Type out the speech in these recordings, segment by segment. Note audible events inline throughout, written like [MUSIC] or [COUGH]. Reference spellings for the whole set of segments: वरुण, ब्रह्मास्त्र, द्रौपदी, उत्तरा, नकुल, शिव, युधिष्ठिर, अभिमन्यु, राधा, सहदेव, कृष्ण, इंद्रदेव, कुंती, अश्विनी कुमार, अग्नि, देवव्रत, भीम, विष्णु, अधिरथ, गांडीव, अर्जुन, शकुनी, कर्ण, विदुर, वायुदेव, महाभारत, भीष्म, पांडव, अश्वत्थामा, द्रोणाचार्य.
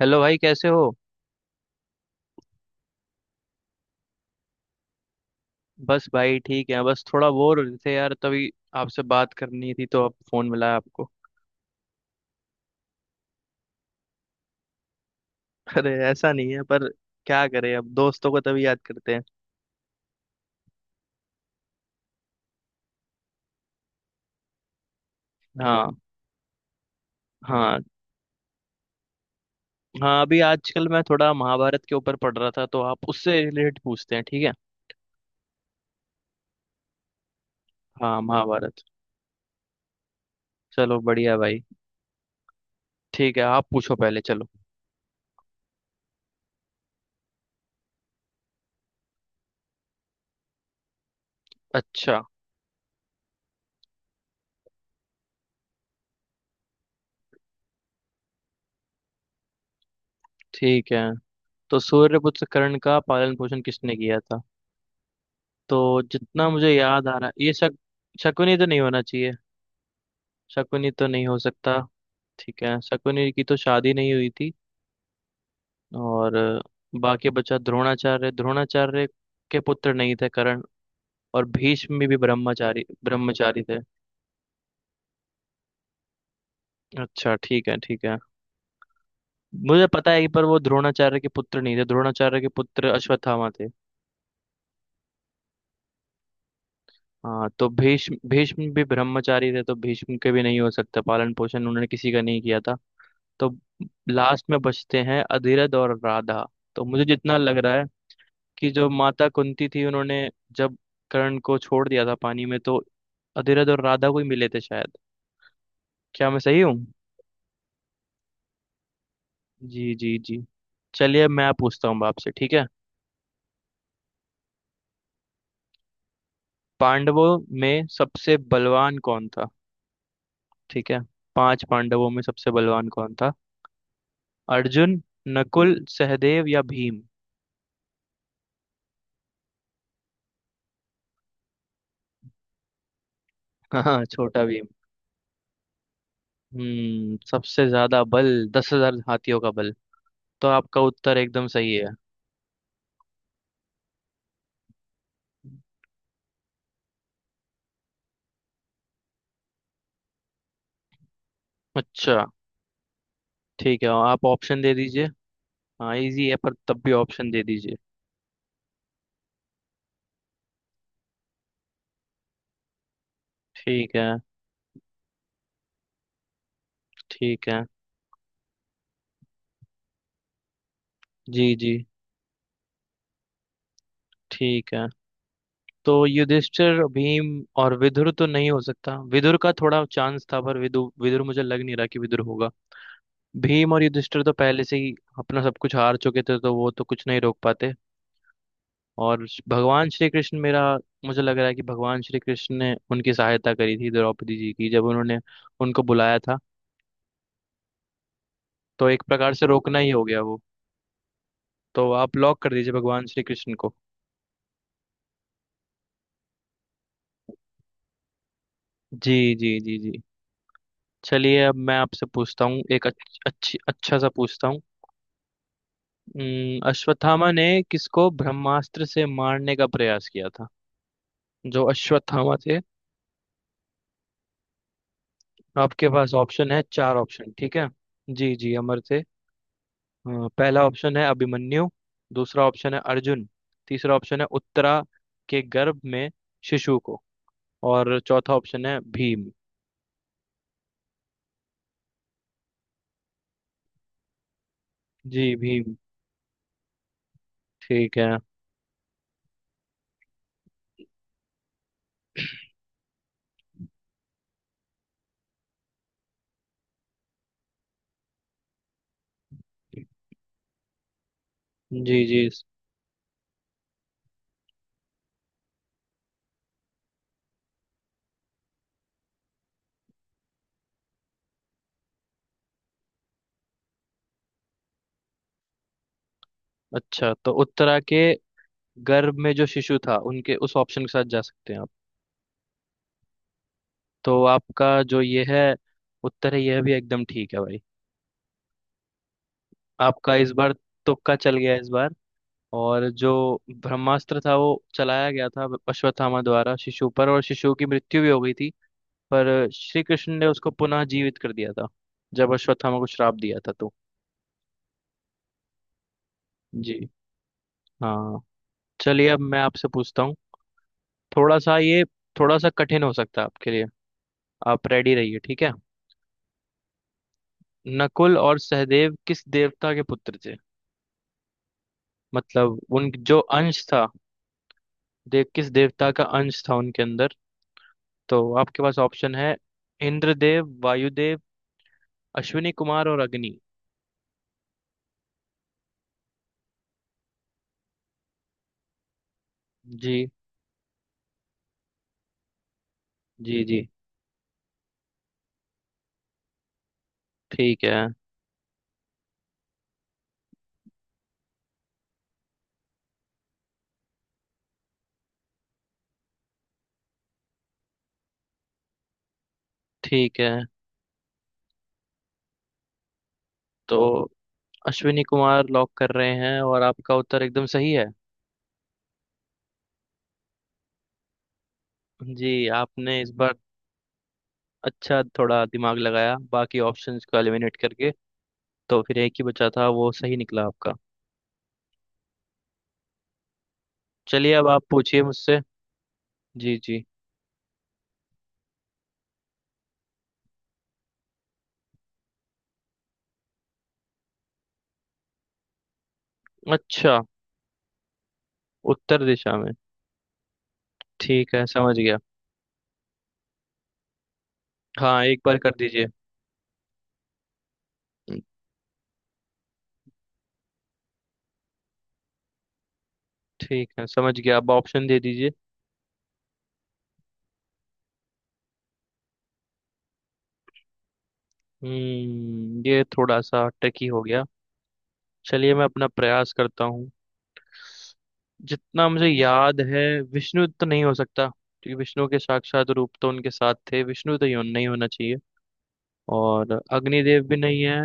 Hello भाई कैसे हो। बस भाई ठीक है, बस थोड़ा बोर हो रहे थे यार, तभी आपसे बात करनी थी तो अब फोन मिला आपको। [LAUGHS] अरे ऐसा नहीं है, पर क्या करें, अब दोस्तों को तभी याद करते हैं। हाँ। हाँ। हाँ, अभी आजकल मैं थोड़ा महाभारत के ऊपर पढ़ रहा था, तो आप उससे रिलेटेड पूछते हैं, ठीक है। हाँ, महाभारत। चलो बढ़िया भाई। ठीक है, आप पूछो पहले। चलो। अच्छा। ठीक है। तो सूर्यपुत्र कर्ण का पालन पोषण किसने किया था? तो जितना मुझे याद आ रहा है, ये शक शकुनी तो नहीं होना चाहिए। शकुनी तो नहीं हो सकता। ठीक है, शकुनी की तो शादी नहीं हुई थी। और बाकी बचा द्रोणाचार्य। द्रोणाचार्य के पुत्र नहीं थे कर्ण। और भीष्म भी ब्रह्मचारी ब्रह्मचारी थे। अच्छा, ठीक है, ठीक है। मुझे पता है, पर वो द्रोणाचार्य के पुत्र नहीं थे, द्रोणाचार्य के पुत्र अश्वत्थामा थे। हाँ, तो भीष्म भीष्म भी ब्रह्मचारी थे, तो भीष्म के भी नहीं हो सकता, पालन पोषण उन्होंने किसी का नहीं किया था। तो लास्ट में बचते हैं अधिरथ और राधा। तो मुझे जितना लग रहा है, कि जो माता कुंती थी उन्होंने जब कर्ण को छोड़ दिया था पानी में, तो अधिरथ और राधा को ही मिले थे शायद। क्या मैं सही हूँ? जी जी जी। चलिए, अब मैं पूछता हूँ आपसे, ठीक है? पांडवों में सबसे बलवान कौन था? ठीक है। पांच पांडवों में सबसे बलवान कौन था? अर्जुन, नकुल, सहदेव या भीम? हाँ हाँ, छोटा भीम। सबसे ज्यादा बल, 10,000 हाथियों का बल, तो आपका उत्तर एकदम सही है। अच्छा, ठीक है, आप ऑप्शन दे दीजिए। हाँ, इजी है, पर तब भी ऑप्शन दे दीजिए। ठीक है। ठीक है। जी जी। ठीक है, तो युधिष्ठिर, भीम और विदुर तो नहीं हो सकता, विदुर का थोड़ा चांस था, पर विदुर मुझे लग नहीं रहा कि विदुर होगा। भीम और युधिष्ठिर तो पहले से ही अपना सब कुछ हार चुके थे, तो वो तो कुछ नहीं रोक पाते। और भगवान श्री कृष्ण, मेरा मुझे लग रहा है कि भगवान श्री कृष्ण ने उनकी सहायता करी थी द्रौपदी जी की, जब उन्होंने उनको बुलाया था, तो एक प्रकार से रोकना ही हो गया वो। तो आप लॉक कर दीजिए भगवान श्री कृष्ण को। जी जी जी जी। चलिए, अब मैं आपसे पूछता हूँ एक अच्छा सा पूछता हूँ। अश्वत्थामा ने किसको ब्रह्मास्त्र से मारने का प्रयास किया था? जो अश्वत्थामा थे, आपके पास ऑप्शन है, चार ऑप्शन, ठीक है। जी जी, अमर थे। पहला ऑप्शन है अभिमन्यु। दूसरा ऑप्शन है अर्जुन। तीसरा ऑप्शन है उत्तरा के गर्भ में शिशु को। और चौथा ऑप्शन है भीम। जी, भीम। ठीक है। जी जी। अच्छा, तो उत्तरा के गर्भ में जो शिशु था, उनके उस ऑप्शन के साथ जा सकते हैं आप। तो आपका जो ये है उत्तर है, यह भी एकदम ठीक है भाई। आपका इस बार तुक्का चल गया इस बार। और जो ब्रह्मास्त्र था वो चलाया गया था अश्वत्थामा द्वारा शिशु पर, और शिशु की मृत्यु भी हो गई थी। पर श्री कृष्ण ने उसको पुनः जीवित कर दिया था, जब अश्वत्थामा को श्राप दिया था तो। जी। हाँ। चलिए, अब मैं आपसे पूछता हूँ, थोड़ा सा ये, थोड़ा सा कठिन हो सकता है आपके लिए। आप रेडी रहिए, ठीक है। नकुल और सहदेव किस देवता के पुत्र थे? मतलब, उन जो अंश था देव, किस देवता का अंश था उनके अंदर। तो आपके पास ऑप्शन है इंद्रदेव, वायुदेव, अश्विनी कुमार और अग्नि। जी जी जी। ठीक है, ठीक है। तो अश्विनी कुमार लॉक कर रहे हैं, और आपका उत्तर एकदम सही है। जी। आपने इस बार अच्छा थोड़ा दिमाग लगाया, बाकी ऑप्शंस को एलिमिनेट करके, तो फिर एक ही बचा था, वो सही निकला आपका। चलिए, अब आप पूछिए मुझसे। जी जी। अच्छा, उत्तर दिशा में, ठीक है, समझ गया। हाँ, एक बार कर दीजिए। हम्म, ठीक है, समझ गया, अब ऑप्शन दे दीजिए। ये थोड़ा सा ट्रिकी हो गया। चलिए, मैं अपना प्रयास करता हूँ, जितना मुझे याद है। विष्णु तो नहीं हो सकता, क्योंकि विष्णु के साक्षात रूप तो उनके साथ थे, विष्णु तो नहीं होना चाहिए। और अग्निदेव भी नहीं है।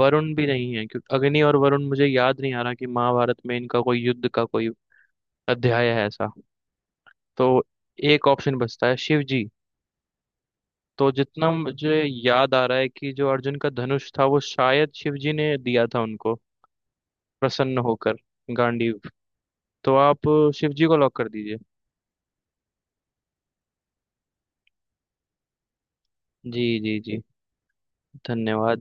वरुण भी नहीं है, क्योंकि अग्नि और वरुण मुझे याद नहीं आ रहा कि महाभारत में इनका कोई युद्ध का कोई अध्याय है ऐसा। तो एक ऑप्शन बचता है शिव जी। तो जितना मुझे याद आ रहा है, कि जो अर्जुन का धनुष था वो शायद शिव जी ने दिया था उनको, प्रसन्न होकर, गांडीव। तो आप शिव जी को लॉक कर दीजिए। जी जी जी। धन्यवाद।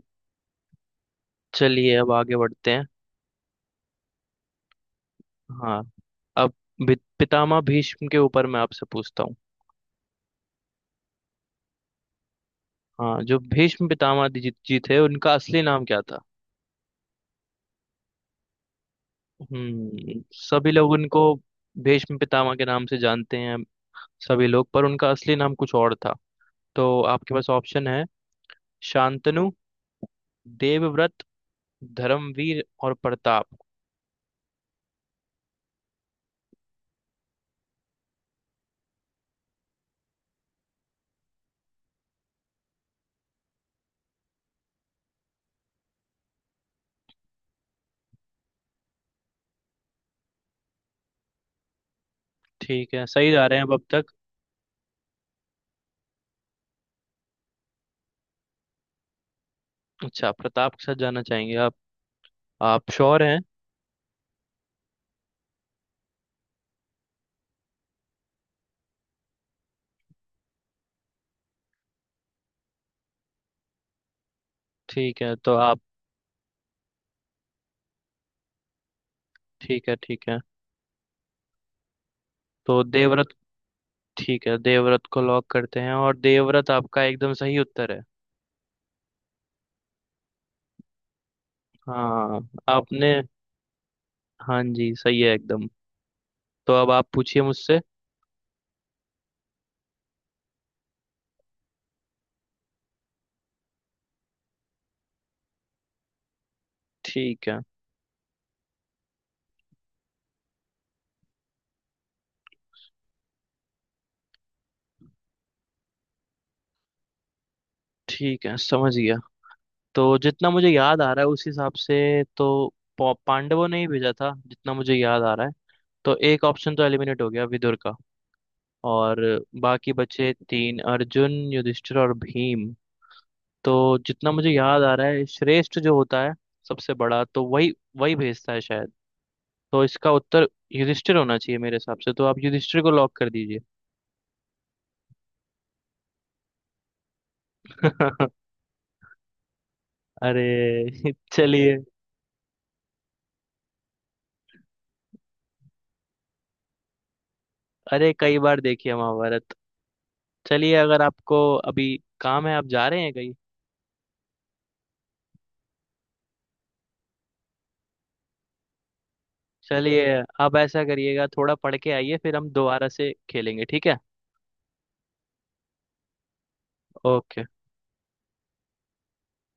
चलिए, अब आगे बढ़ते हैं। हाँ। अब पितामह भीष्म के ऊपर मैं आपसे पूछता हूँ। हाँ, जो भीष्म पितामह जी थे, उनका असली नाम क्या था? सभी लोग उनको भीष्म पितामह के नाम से जानते हैं सभी लोग, पर उनका असली नाम कुछ और था। तो आपके पास ऑप्शन है शांतनु, देवव्रत, धर्मवीर और प्रताप। ठीक है, सही जा रहे हैं अब तक। अच्छा, प्रताप के साथ जाना चाहेंगे आप? आप श्योर हैं? ठीक है, तो आप, ठीक है, ठीक है। तो देवव्रत, ठीक है, देवव्रत को लॉक करते हैं, और देवव्रत आपका एकदम सही उत्तर है। हाँ। आपने, हाँ जी, सही है एकदम। तो अब आप पूछिए मुझसे। ठीक है। ठीक है, समझ गया। तो जितना मुझे याद आ रहा है, उस हिसाब से, तो पांडवों ने ही भेजा था, जितना मुझे याद आ रहा है। तो एक ऑप्शन तो एलिमिनेट हो गया विदुर का। और बाकी बचे तीन, अर्जुन, युधिष्ठिर और भीम। तो जितना मुझे याद आ रहा है, श्रेष्ठ जो होता है, सबसे बड़ा, तो वही वही भेजता है शायद। तो इसका उत्तर युधिष्ठिर होना चाहिए मेरे हिसाब से, तो आप युधिष्ठिर को लॉक कर दीजिए। [LAUGHS] अरे चलिए। अरे, कई बार देखिए महाभारत। चलिए, अगर आपको अभी काम है, आप जा रहे हैं कहीं। चलिए, आप ऐसा करिएगा, थोड़ा पढ़ के आइए, फिर हम दोबारा से खेलेंगे, ठीक है। ओके।